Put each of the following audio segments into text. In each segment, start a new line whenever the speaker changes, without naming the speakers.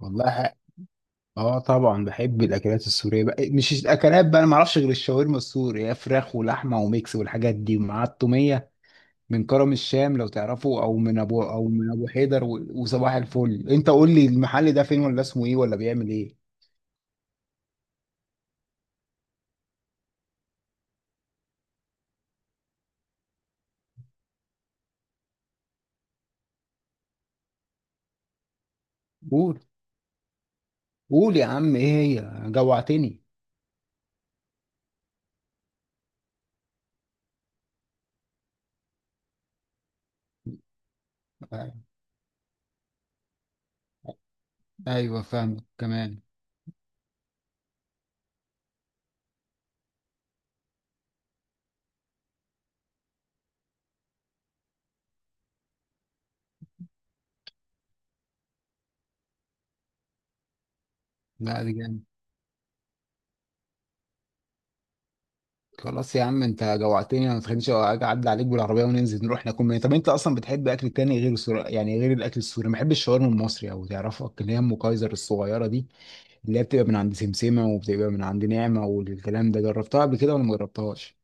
والله اه طبعا بحب الاكلات السوريه بقى، مش الاكلات بقى، انا ما اعرفش غير الشاورما السوري، هي فراخ ولحمه وميكس والحاجات دي مع التوميه، من كرم الشام لو تعرفه، او من ابو حيدر وصباح الفل. انت قول لي المحل ده فين، ولا اسمه ايه، ولا بيعمل ايه؟ قول، قول يا عم ايه؟ هي جوعتني. آه، ايوه فاهمك كمان. لا دي جامد. خلاص يا عم انت جوعتني، ما تخلينيش اجي اعدي عليك بالعربيه وننزل نروح ناكل منين؟ طب انت اصلا بتحب اكل تاني غير السوري؟ يعني غير الاكل السوري ما بحبش الشاورما المصري؟ او تعرفك اللي هي ام كايزر الصغيره دي، اللي هي بتبقى من عند سمسمه، وبتبقى من عند نعمه والكلام ده، جربتها قبل كده ولا ما جربتهاش؟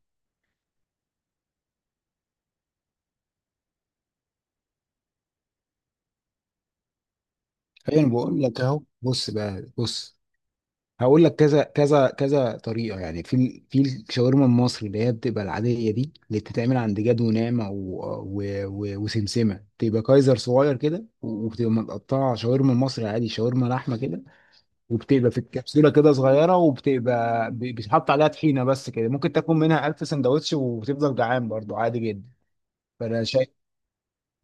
هي انا بقول لك اهو، بص بقى بص، هقول لك كذا كذا كذا طريقه. يعني في الشاورما المصري اللي هي بتبقى العاديه دي، اللي بتتعمل عند جاد ونعمه وسمسمه، بتبقى كايزر صغير كده، وبتبقى متقطعه، شاورما مصري عادي، شاورما لحمه كده. وبتبقى في الكبسوله كده صغيره، وبتبقى بيتحط عليها طحينه بس كده. ممكن تاكل منها 1000 سندوتش وبتفضل جعان، برضو عادي جدا. فانا شايف.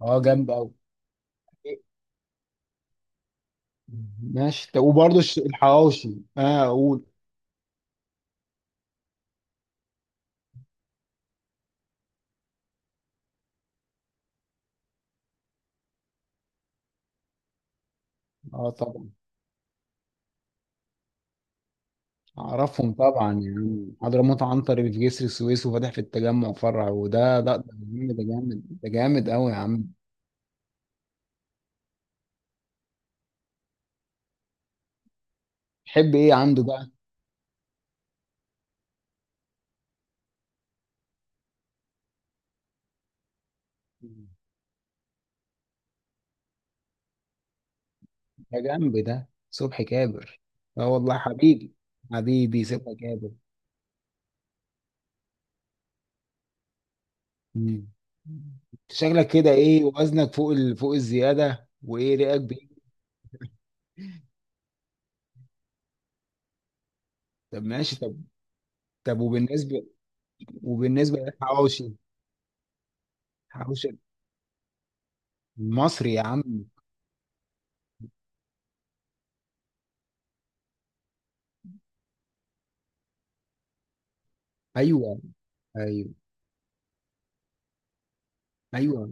اه جامد قوي. ماشي طب، وبرضه الحواوشي، اه اقول. اه طبعا. اعرفهم طبعا، يعني حضرموت عنتر في جسر السويس وفاتح في التجمع فرع. وده ده ده جامد، ده جامد، ده جامد قوي يا عم. تحب ايه عنده بقى؟ ده جنب ده صبحي كابر. اه والله حبيبي، حبيبي صبحي كابر. مم. شكلك كده، ايه وزنك فوق فوق الزياده، وايه رأيك بايه؟ طب ماشي طب. طب وبالنسبه للحواوشي، حواوشي المصري يا عم. ايوه، ايوه، ايوه،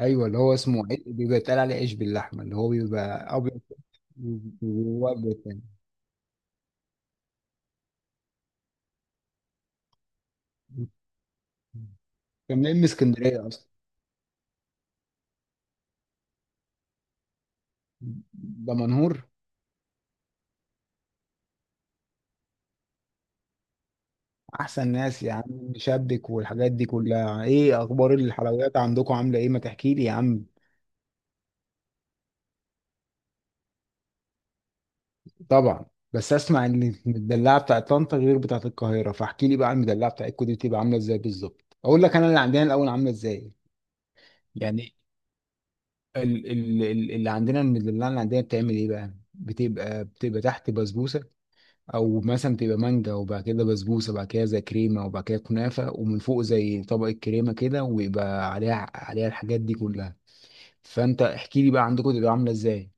ايوه، اللي هو اسمه بيبقى اتقال عليه عيش باللحمه، اللي هو بيبقى ابيض، وجواه أبيض تاني. كان منين من اسكندريه اصلا؟ ده منهور. احسن ناس يا عم، شبك والحاجات دي كلها. ايه اخبار الحلويات عندكم، عامله ايه؟ ما تحكي لي يا عم. طبعا، بس اسمع ان المدلعه بتاعت طنطا غير بتاعت القاهره، فاحكي لي بقى المدلعه بتاعتكم دي بتبقى عامله ازاي بالظبط. اقول لك انا اللي عندنا الاول عامله ازاي. يعني اللي عندنا، المدلعه اللي عندنا بتعمل ايه بقى؟ بتبقى تحت بسبوسه، او مثلا تبقى مانجا، وبعد كده بسبوسه، وبعد كده زي كريمه، وبعد كده كنافه، ومن فوق زي طبقه كريمه كده، ويبقى عليها الحاجات دي كلها. فانت احكي لي بقى عندكم تبقى عامله ازاي.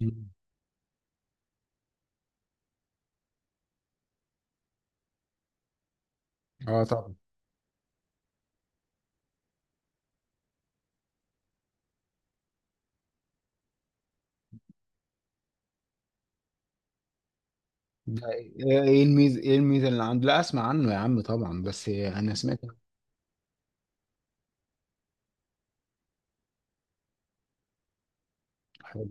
مم. اه طبعا. ده ايه الميزه اللي عنده؟ لا اسمع عنه يا عم طبعا، بس انا سمعت إنه حلو.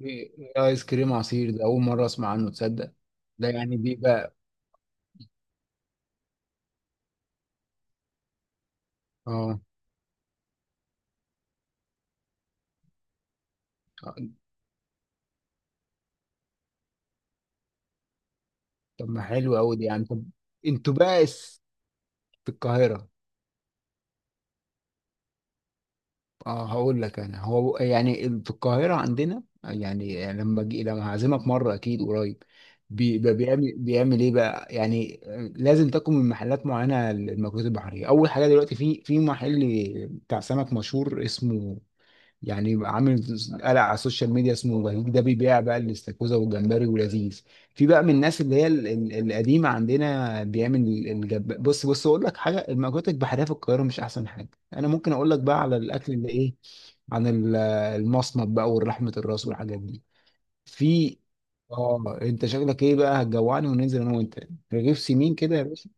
ايه إيه ايس كريم عصير ده اول مره اسمع عنه، تصدق؟ ده يعني بيبقى اه، آه. طب ما حلو قوي دي يعني. طب انتوا بقى في القاهره؟ اه هقول لك انا، هو يعني في القاهره عندنا، يعني لما جي لما هعزمك مره اكيد قريب، بقى بيعمل ايه بقى يعني؟ آه، لازم تاكل من محلات معينه المأكولات البحريه. اول حاجه دلوقتي، في محل بتاع سمك مشهور اسمه، يعني يبقى عامل قلق على السوشيال ميديا اسمه بهيج. ده بيبيع بقى الاستاكوزا والجمبري ولذيذ. في بقى من الناس اللي هي القديمه عندنا، بيعمل بص بص، اقول لك حاجه. المأكولات البحريه في القاهره مش احسن حاجه. انا ممكن اقول لك بقى على الاكل اللي ايه، عن المصمت بقى، والرحمه، الراس، والحاجات دي في. اه انت شكلك ايه بقى، هتجوعني وننزل انا وانت رغيف سمين كده يا باشا؟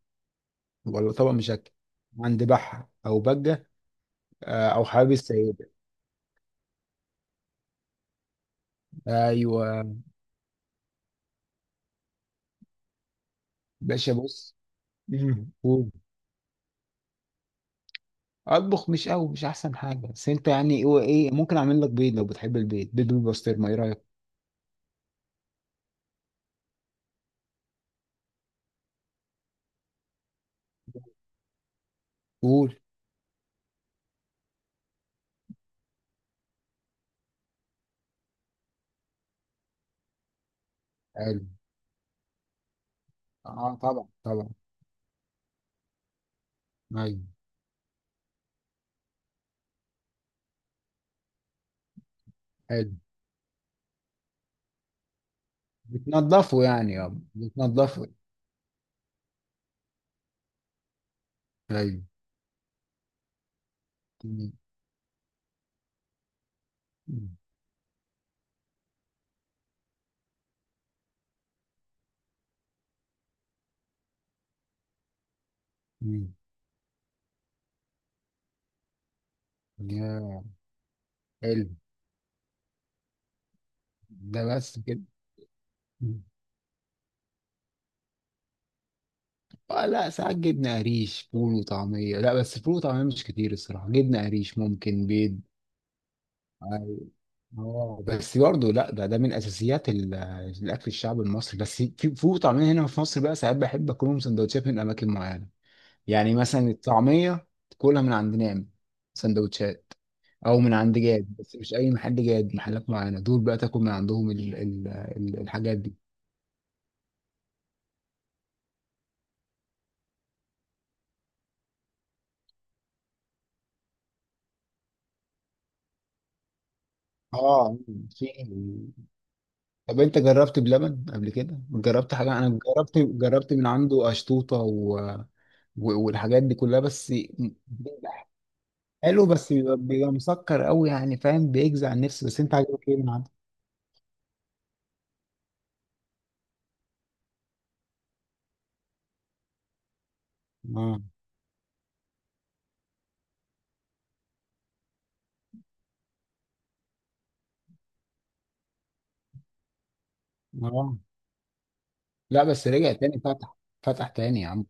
ولا طبق مشكل عند بحة او بجة، او حبيب السيدة؟ ايوه. باشا بص. مم. قول. اطبخ مش قوي، مش احسن حاجه، بس انت يعني هو ايه ممكن اعمل لك بيض لو بتحب البيض، بيض بالبسطرمه، ايه رايك؟ قول. حلو. اه طبعا، طبعا. ايوه. حلو، بتنضفه يعني يابا بتنضفه. ايوه. مم. مم. يا، حلو ده بس كده. مم. آه لا، ساعات جبنه قريش، فول وطعميه لا بس، فول وطعميه مش كتير الصراحه، جبنه قريش، ممكن بيض. آه، اه بس برضه لا، ده ده من اساسيات الاكل الشعبي المصري. بس في طعمين هنا في مصر بقى، ساعات بحب اكلهم سندوتشات من اماكن معينه. يعني مثلا الطعميه تاكلها من عند نعمه سندوتشات، او من عند جاد. بس مش اي محل جاد، محلات معينه دول بقى تاكل من عندهم ال ال ال الحاجات دي. اه. في. طب انت جربت بلبن قبل كده، جربت حاجه؟ انا جربت، من عنده اشطوطه والحاجات دي كلها بس. حلو، بس بيبقى مسكر قوي، يعني فاهم، بيجزع النفس. بس انت عاجبك ايه من عنده؟ اه. اه. لا بس رجع تاني فتح، فتح تاني يا عم.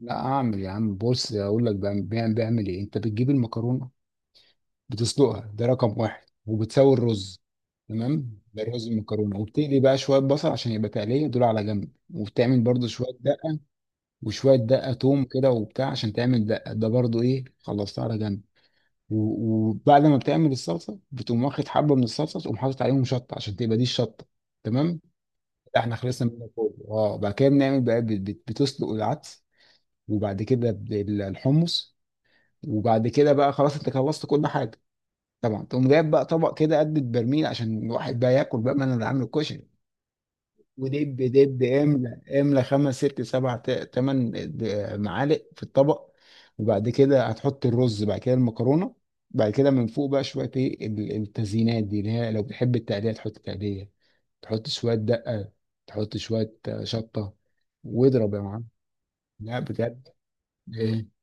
لا، اعمل يا عم، بص اقول لك. بعمل، بعمل ايه؟ انت بتجيب المكرونه، بتسلقها، ده رقم واحد، وبتسوي الرز، تمام، ده رز المكرونه. وبتقلي بقى شويه بصل عشان يبقى تقليه دول على جنب، وبتعمل برضو شويه دقه، وشويه دقه توم كده وبتاع، عشان تعمل دقه ده برضو، ايه، خلصتها على جنب. وبعد ما بتعمل الصلصه، بتقوم واخد حبه من الصلصه، تقوم حاطط عليهم شطه عشان تبقى دي الشطه. تمام. ده احنا خلصنا منه كله. اه بعد كده بنعمل بقى، بتسلق العدس، وبعد كده الحمص. وبعد كده بقى خلاص انت خلصت كل حاجه. طبعا تقوم جايب بقى طبق كده قد البرميل، عشان الواحد بقى ياكل. بقى ما انا اللي عامل الكشري. ودب دب، املى املى، خمس ست سبع تمن معالق في الطبق. وبعد كده هتحط الرز، بعد كده المكرونه، بعد كده من فوق بقى شويه ايه التزيينات دي، اللي هي لو بتحب التقليه تحط تقليه، تحط شويه دقه، تحط شويه شطه، واضرب يا معلم. لا بجد. إيه.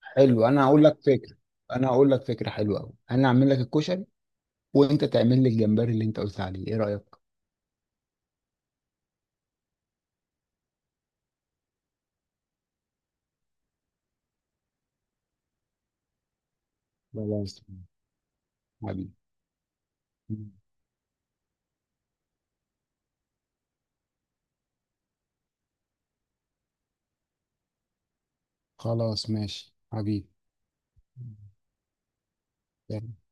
حلو انا هقول لك فكره، انا هقول لك فكره حلوه قوي، انا هعمل لك الكشري وانت تعمل لي الجمبري اللي انت قلت عليه، ايه رايك؟ خلاص حبيبي. خلاص ماشي حبيبي. ترجمة نانسي قنقر.